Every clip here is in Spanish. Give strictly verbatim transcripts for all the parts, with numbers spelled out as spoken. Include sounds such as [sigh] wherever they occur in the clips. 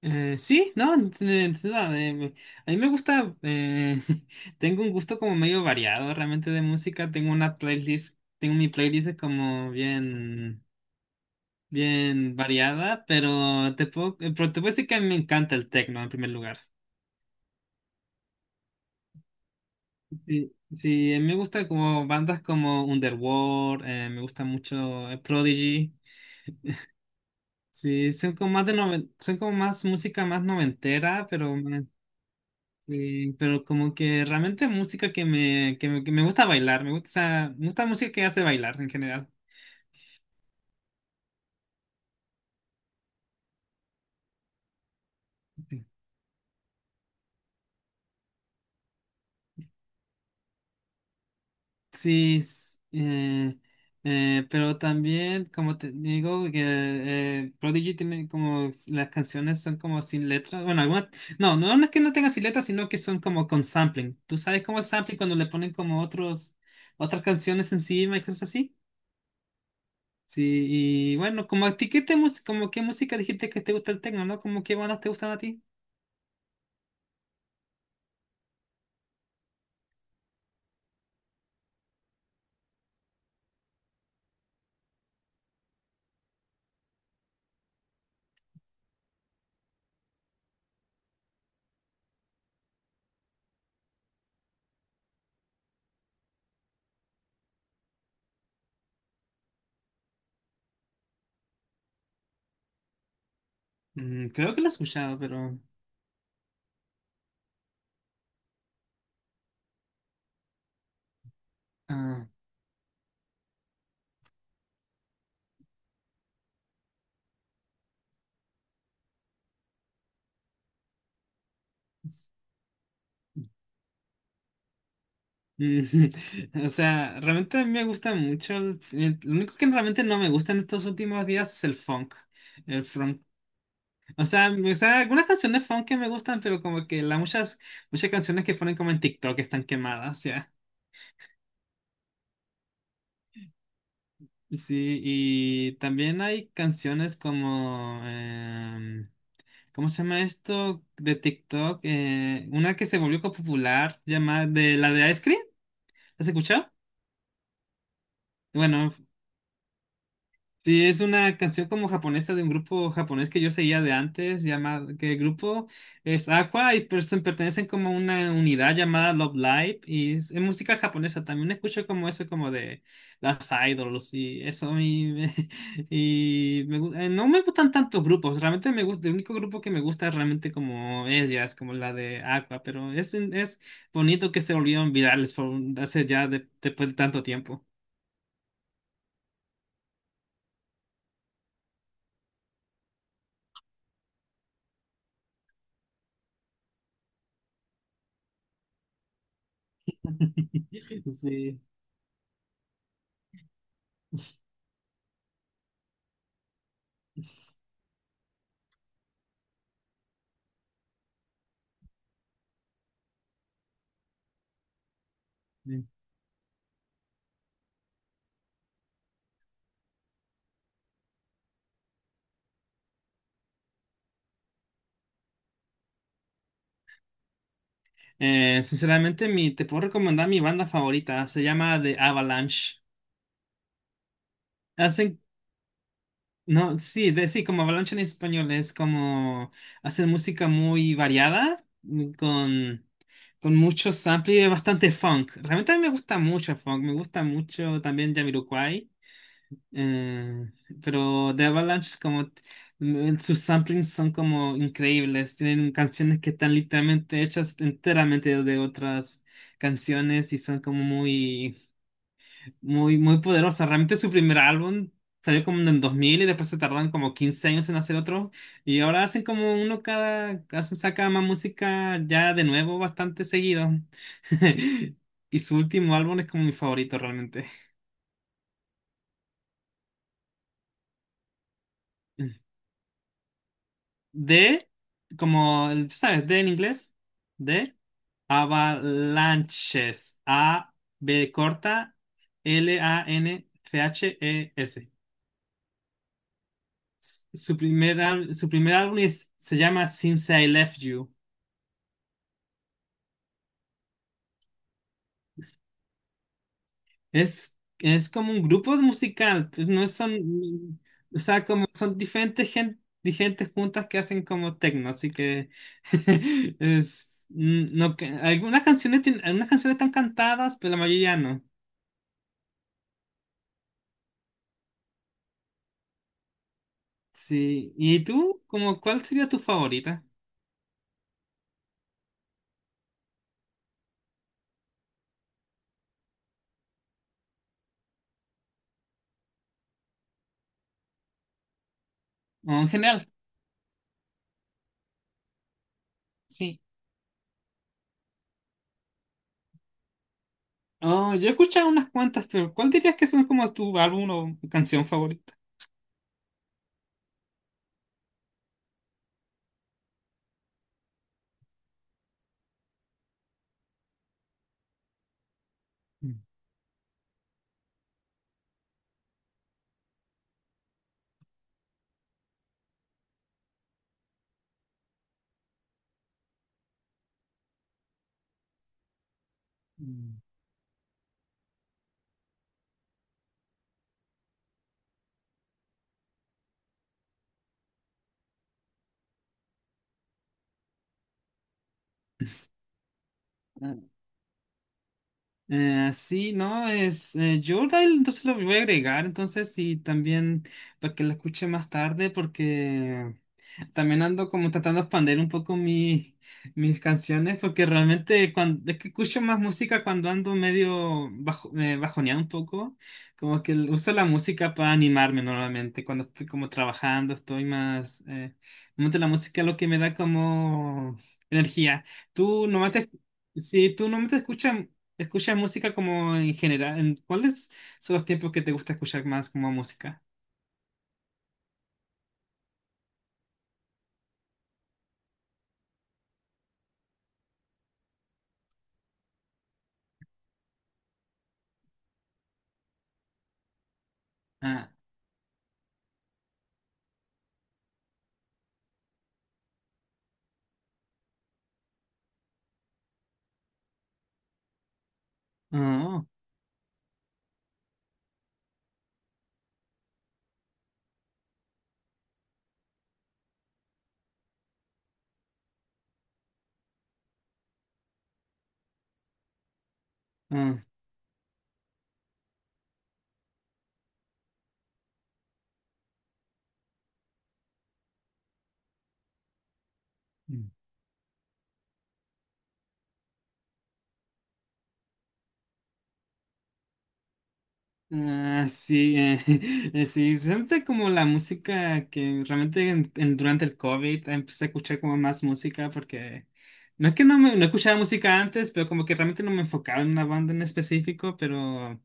Eh, sí, no, n- n- no, eh, me- a mí me gusta, eh, [laughs] tengo un gusto como medio variado realmente de música, tengo una playlist, tengo mi playlist como bien, bien variada, pero te puedo, eh, pero te puedo decir que a mí me encanta el techno en primer lugar. Sí, sí, eh, me gusta como bandas como Underworld, eh, me gusta mucho eh, Prodigy, sí, son como más de noven- son como más música más noventera, pero... Sí, pero como que realmente música que me, que me, que me gusta bailar, me gusta, o sea, me gusta música que hace bailar en general. Sí, Sí. S- eh, eh, pero también, como te digo, que eh, Prodigy tiene como s- las canciones son como sin letras. Bueno, algunas, no, no no es que no tenga sin letras, sino que son como con sampling. ¿Tú sabes cómo es sampling cuando le ponen como otros, otras canciones encima y cosas así? Sí, y bueno, como a ti, ¿qué te mus- como qué música dijiste que te gusta el techno, ¿no? ¿Como qué bandas te gustan a ti? Mm, creo que lo he escuchado, pero... ah, es- mm, [laughs] o sea, realmente a mí me gusta mucho... el- el- lo único que realmente no me gusta en estos últimos días es el funk. El funk. O sea, me- o sea, algunas canciones funk que me gustan, pero como que las muchas, muchas canciones que ponen como en TikTok están quemadas, ya. Sí, y también hay canciones como... em, ¿Cómo se llama esto de TikTok? Eh, una que se volvió como popular, llamada de la de Ice Cream. ¿Has escuchado? Bueno, sí, es una canción como japonesa de un grupo japonés que yo seguía de antes, llamado, que el grupo es Aqua y perso- pertenecen como a una unidad llamada Love Live y es, es música japonesa. También escucho como eso, como de las idols y eso. Y, me- [laughs] y me gu- eh, no me gustan tantos grupos, realmente me gusta, el único grupo que me gusta es realmente como ellas, como la de Aqua, pero es, es bonito que se volvieron virales por, hace ya de- después de tanto tiempo. [laughs] Sí. Eh, sinceramente, mi, te puedo recomendar mi banda favorita. Se llama The Avalanche. Hacen, no, sí, de, sí, como Avalanche en español es como hacen música muy variada mm, con con mucho sample y bastante funk. Realmente a mí me gusta mucho el funk. Me gusta mucho también Jamiroquai. Eh, pero The Avalanche, como t- mm, sus samplings son como increíbles, tienen canciones que están literalmente hechas enteramente de otras canciones y son como muy, muy, muy poderosas. Realmente su primer álbum salió como en el dos mil y después se tardaron como quince años en hacer otro y ahora hacen como uno cada, hacen, saca más música ya de nuevo bastante seguido. [laughs] Y su último álbum es como mi favorito realmente. de, como, el- ¿Sabes? De en inglés, de avalanches. A, B corta, L, A, N, C, H, E, S. Su primer, al- su primer álbum es- se llama Since I Left You. Es, es como un grupo de musical, pues, no son, o sea, como son diferentes gente, gentes juntas que hacen como techno, así que [laughs] es, mm, no, que- algunas canciones, tienen- algunas canciones están cantadas, pero la mayoría no. Sí. ¿Y tú? ¿Cómo, ¿cuál sería tu favorita? O en general, sí. Oh, yo he escuchado unas cuantas, pero ¿cuál dirías que son como tu álbum o canción favorita? Mm. Mm. Ah, eh, sí, no, es eh, Jordan, entonces lo voy a agregar, entonces, y también para que la escuche más tarde, porque también ando como tratando de expandir un poco mi- mis canciones porque realmente cuando, es que escucho más música cuando ando medio bajo, eh, bajoneado un poco, como que uso la música para animarme normalmente, cuando estoy como trabajando estoy más, eh, normalmente la música es lo que me da como energía. Tú normalmente, si tú normalmente escuchas, escuchas música como en general, ¿en ¿cuáles son los tiempos que te gusta escuchar más como música? Ah, oh, oh. Ah, sí, eh, [laughs] eh, sí, siente como la música que realmente en- en- durante el COVID empecé a escuchar como más música porque no es que no, me, no escuchaba música antes, pero como que realmente no me enfocaba en una banda en específico, pero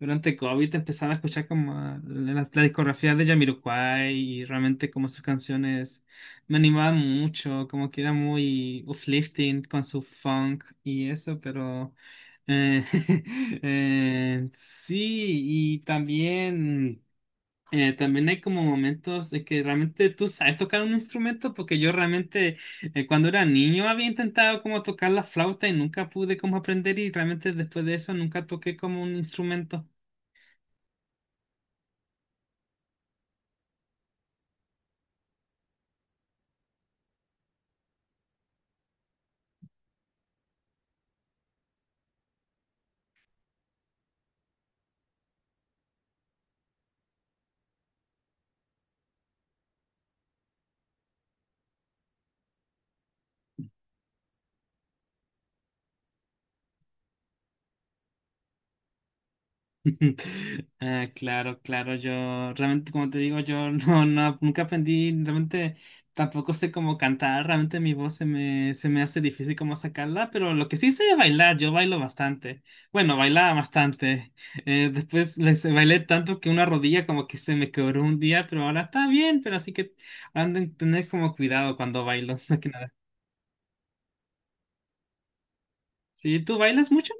durante COVID empezaba a escuchar como ah, la, la discografía de Jamiroquai y realmente como sus canciones me animaban mucho, como que era muy uplifting con su funk y eso, pero... Eh, [laughs] eh, sí, y también, eh, también hay como momentos de que realmente tú sabes tocar un instrumento, porque yo realmente eh, cuando era niño había intentado como tocar la flauta y nunca pude como aprender y realmente después de eso nunca toqué como un instrumento. [laughs] Ah, claro, claro, yo realmente, como te digo, yo [laughs] no, no, nunca aprendí, realmente tampoco sé cómo cantar, realmente mi voz se me, se me hace difícil como sacarla, pero lo que sí sé es bailar, yo bailo bastante, bueno, bailaba bastante, [laughs] eh, después les bailé tanto que una rodilla como que se me quebró un día, pero ahora está bien, pero así que ando en tener como cuidado cuando bailo, [laughs] más que nada. ¿Sí? ¿Tú bailas mucho?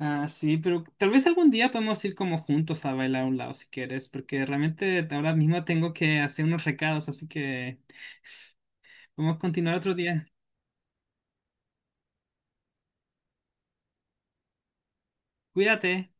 Ah, sí, pero tal vez algún día podemos ir como juntos a bailar a un lado si quieres, porque realmente ahora mismo tengo que hacer unos recados, así que podemos continuar otro día. Cuídate.